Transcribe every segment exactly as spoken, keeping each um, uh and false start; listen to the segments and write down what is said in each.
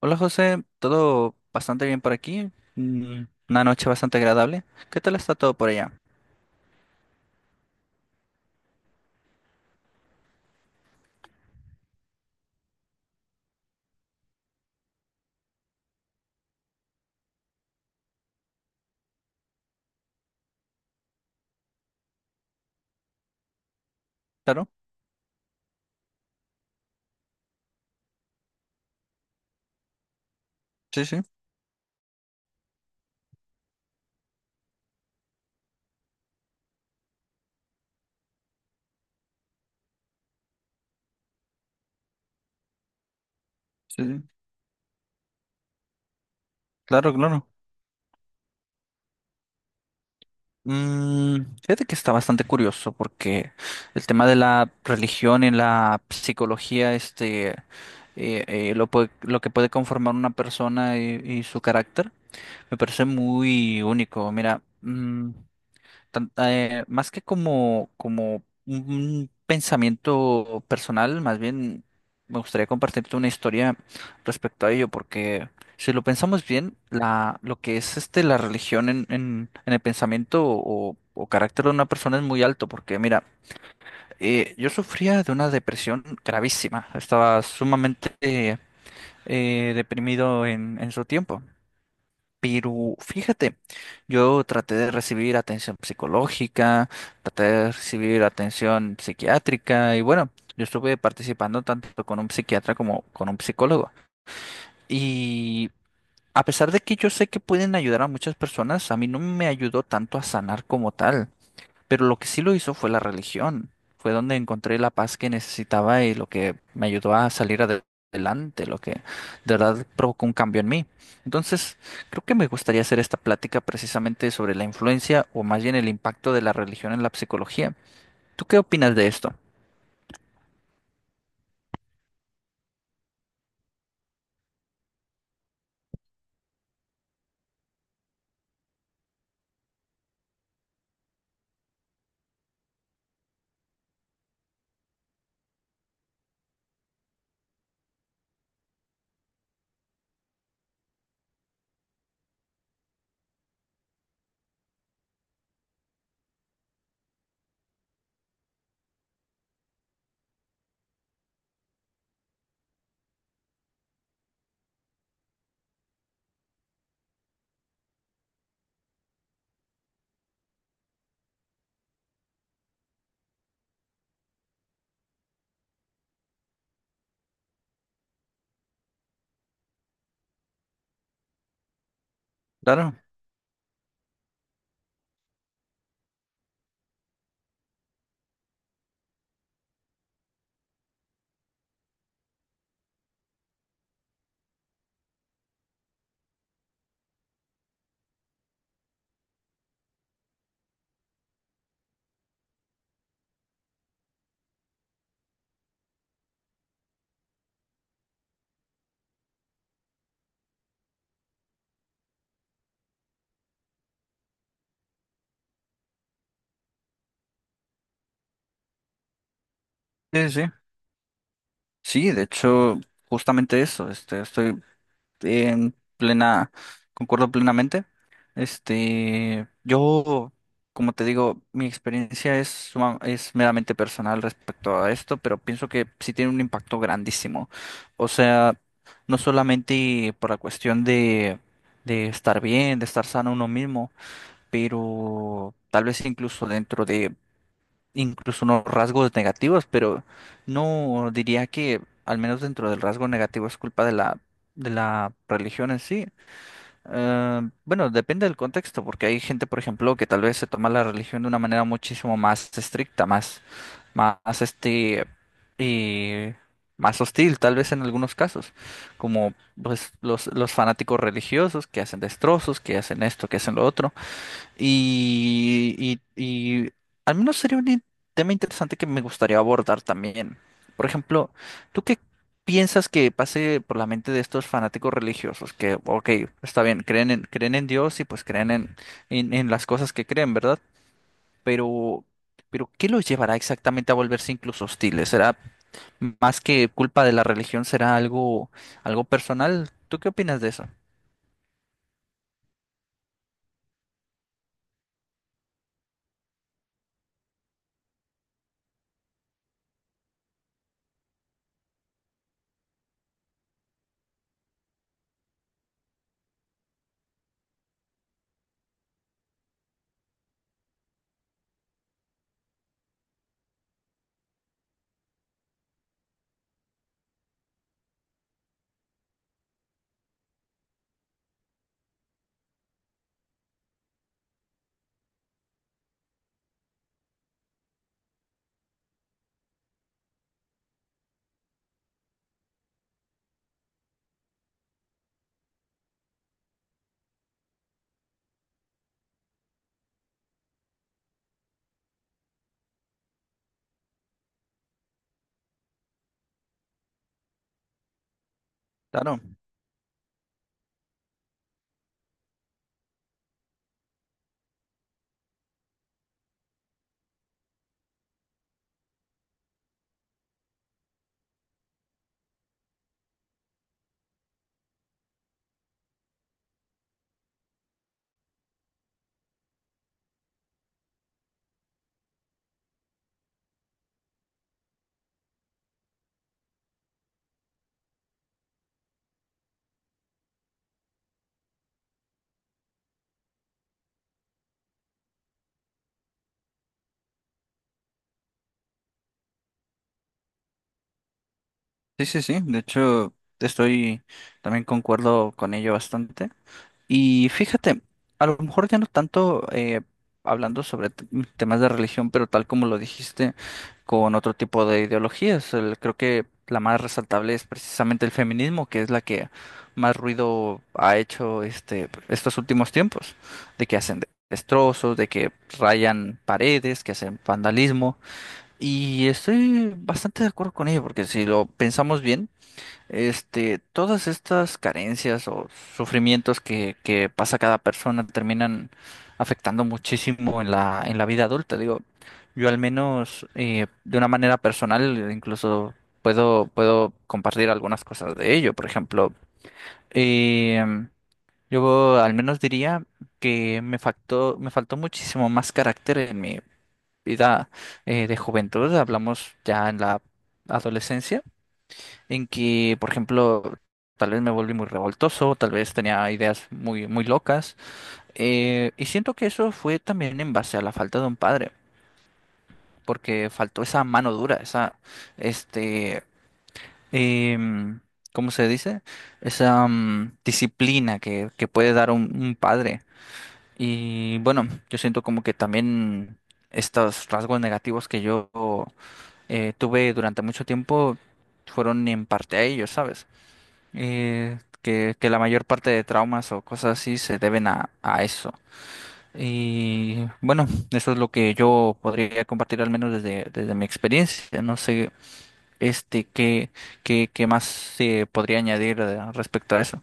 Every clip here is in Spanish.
Hola José, todo bastante bien por aquí, Mm, una noche bastante agradable. ¿Qué tal está todo por allá? Claro, sí, sí, sí, sí, claro, claro. Mm, fíjate que está bastante curioso porque el tema de la religión y la psicología, este, eh, eh, lo, puede- lo que puede conformar una persona y, y su carácter, me parece muy único. Mira, mm, tan- eh, más que como, como un pensamiento personal, más bien me gustaría compartirte una historia respecto a ello, porque si lo pensamos bien, la, lo que es este, la religión en, en, en el pensamiento o, o carácter de una persona es muy alto, porque mira, eh, yo sufría de una depresión gravísima, estaba sumamente eh, eh, deprimido en, en su tiempo. Pero fíjate, yo traté de recibir atención psicológica, traté de recibir atención psiquiátrica y bueno, yo estuve participando tanto con un psiquiatra como con un psicólogo. Y a pesar de que yo sé que pueden ayudar a muchas personas, a mí no me ayudó tanto a sanar como tal. Pero lo que sí lo hizo fue la religión. Fue donde encontré la paz que necesitaba y lo que me ayudó a salir ade- adelante, lo que de verdad provocó un cambio en mí. Entonces, creo que me gustaría hacer esta plática precisamente sobre la influencia o más bien el impacto de la religión en la psicología. ¿Tú qué opinas de esto? Claro. Sí, sí. Sí, de hecho, justamente eso. Este, estoy este, en plena, concuerdo plenamente. Este, yo, como te digo, mi experiencia es, suma- es meramente personal respecto a esto, pero pienso que sí tiene un impacto grandísimo. O sea, no solamente por la cuestión de, de estar bien, de estar sano uno mismo, pero tal vez incluso dentro de incluso unos rasgos negativos, pero no diría que, al menos dentro del rasgo negativo, es culpa de la, de la religión en sí. Eh, bueno, depende del contexto, porque hay gente, por ejemplo, que tal vez se toma la religión de una manera muchísimo más estricta, más, más este, y más hostil, tal vez en algunos casos, como pues, los, los fanáticos religiosos que hacen destrozos, que hacen esto, que hacen lo otro. Y, y, y al menos sería un in- tema interesante que me gustaría abordar también. Por ejemplo, ¿tú qué piensas que pase por la mente de estos fanáticos religiosos? Que, ok, está bien, creen en, creen en Dios y pues creen en, en, en las cosas que creen, ¿verdad? Pero, pero ¿qué los llevará exactamente a volverse incluso hostiles? ¿Será más que culpa de la religión? ¿Será algo, algo personal? ¿Tú qué opinas de eso? Claro. Sí, sí, sí. De hecho, estoy también concuerdo con ello bastante. Y fíjate, a lo mejor ya no tanto eh, hablando sobre t- temas de religión, pero tal como lo dijiste, con otro tipo de ideologías. El- creo que la más resaltable es precisamente el feminismo, que es la que más ruido ha hecho este estos últimos tiempos, de que hacen de- destrozos, de que rayan paredes, que hacen vandalismo. Y estoy bastante de acuerdo con ello, porque si lo pensamos bien, este, todas estas carencias o sufrimientos que, que pasa cada persona terminan afectando muchísimo en la, en la vida adulta. Digo, yo al menos eh, de una manera personal incluso puedo, puedo compartir algunas cosas de ello. Por ejemplo, em, yo al menos diría que me faltó, me faltó muchísimo más carácter en mi vida eh, de juventud. Hablamos ya en la adolescencia en que, por ejemplo, tal vez me volví muy revoltoso, tal vez tenía ideas muy, muy locas, eh, y siento que eso fue también en base a la falta de un padre, porque faltó esa mano dura, esa, este, em, ¿cómo se dice? Esa, mm, disciplina que, que puede dar un, un padre. Y bueno, yo siento como que también estos rasgos negativos que yo eh, tuve durante mucho tiempo fueron en parte a ellos, ¿sabes? eh, que, que la mayor parte de traumas o cosas así se deben a, a eso. Y bueno, eso es lo que yo podría compartir al menos desde, desde mi experiencia. No sé, este, qué, qué, qué más se podría añadir eh, respecto a eso.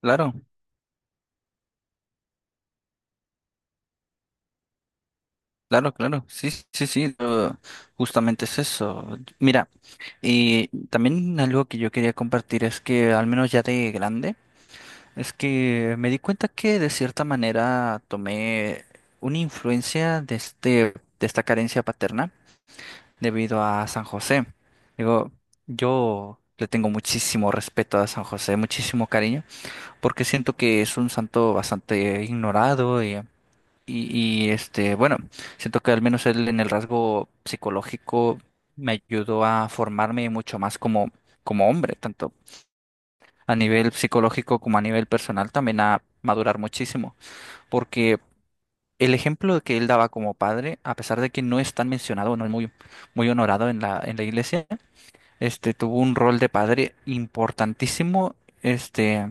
Claro, claro, claro. Sí, sí, sí. eh, Justamente es eso. Mira, y también algo que yo quería compartir es que al menos ya de grande. Es que me di cuenta que de cierta manera tomé una influencia de este, de esta carencia paterna debido a San José. Digo, yo le tengo muchísimo respeto a San José, muchísimo cariño, porque siento que es un santo bastante ignorado y, y, y, este, bueno, siento que al menos él en el rasgo psicológico me ayudó a formarme mucho más como, como hombre, tanto a nivel psicológico como a nivel personal también a madurar muchísimo, porque el ejemplo que él daba como padre, a pesar de que no es tan mencionado, no es muy, muy honorado en la, en la iglesia, este tuvo un rol de padre importantísimo, este,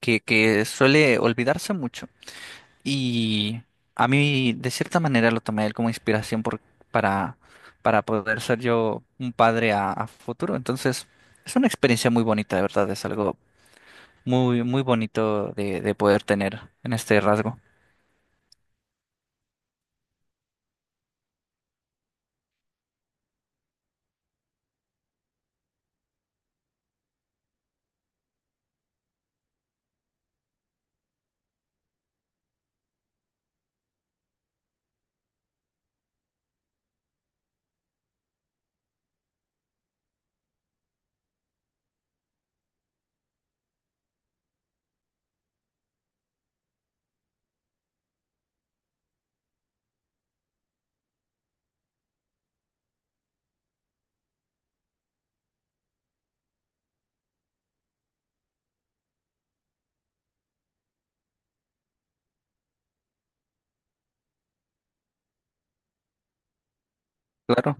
que, que suele olvidarse mucho. Y a mí, de cierta manera, lo tomé a él como inspiración por- para, para poder ser yo un padre a, a futuro. Entonces, es una experiencia muy bonita, de verdad, es algo muy, muy bonito de, de poder tener en este rasgo. Claro,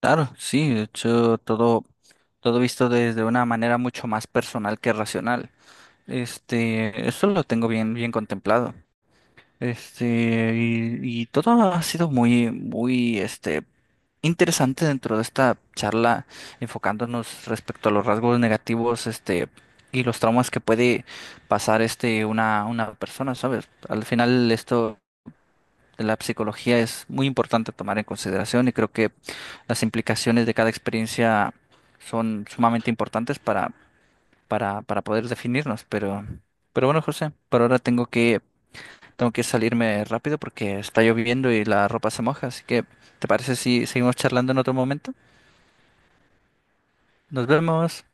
claro, sí, de hecho, todo, todo visto desde una manera mucho más personal que racional. Este, eso lo tengo bien, bien contemplado. Este, y, y todo ha sido muy, muy, este, interesante dentro de esta charla, enfocándonos respecto a los rasgos negativos, este, y los traumas que puede pasar, este, una, una persona, ¿sabes? Al final esto la psicología es muy importante tomar en consideración y creo que las implicaciones de cada experiencia son sumamente importantes para, para, para poder definirnos. Pero, pero bueno, José, por ahora tengo que, tengo que salirme rápido porque está lloviendo y la ropa se moja. Así que, ¿te parece si seguimos charlando en otro momento? Nos vemos.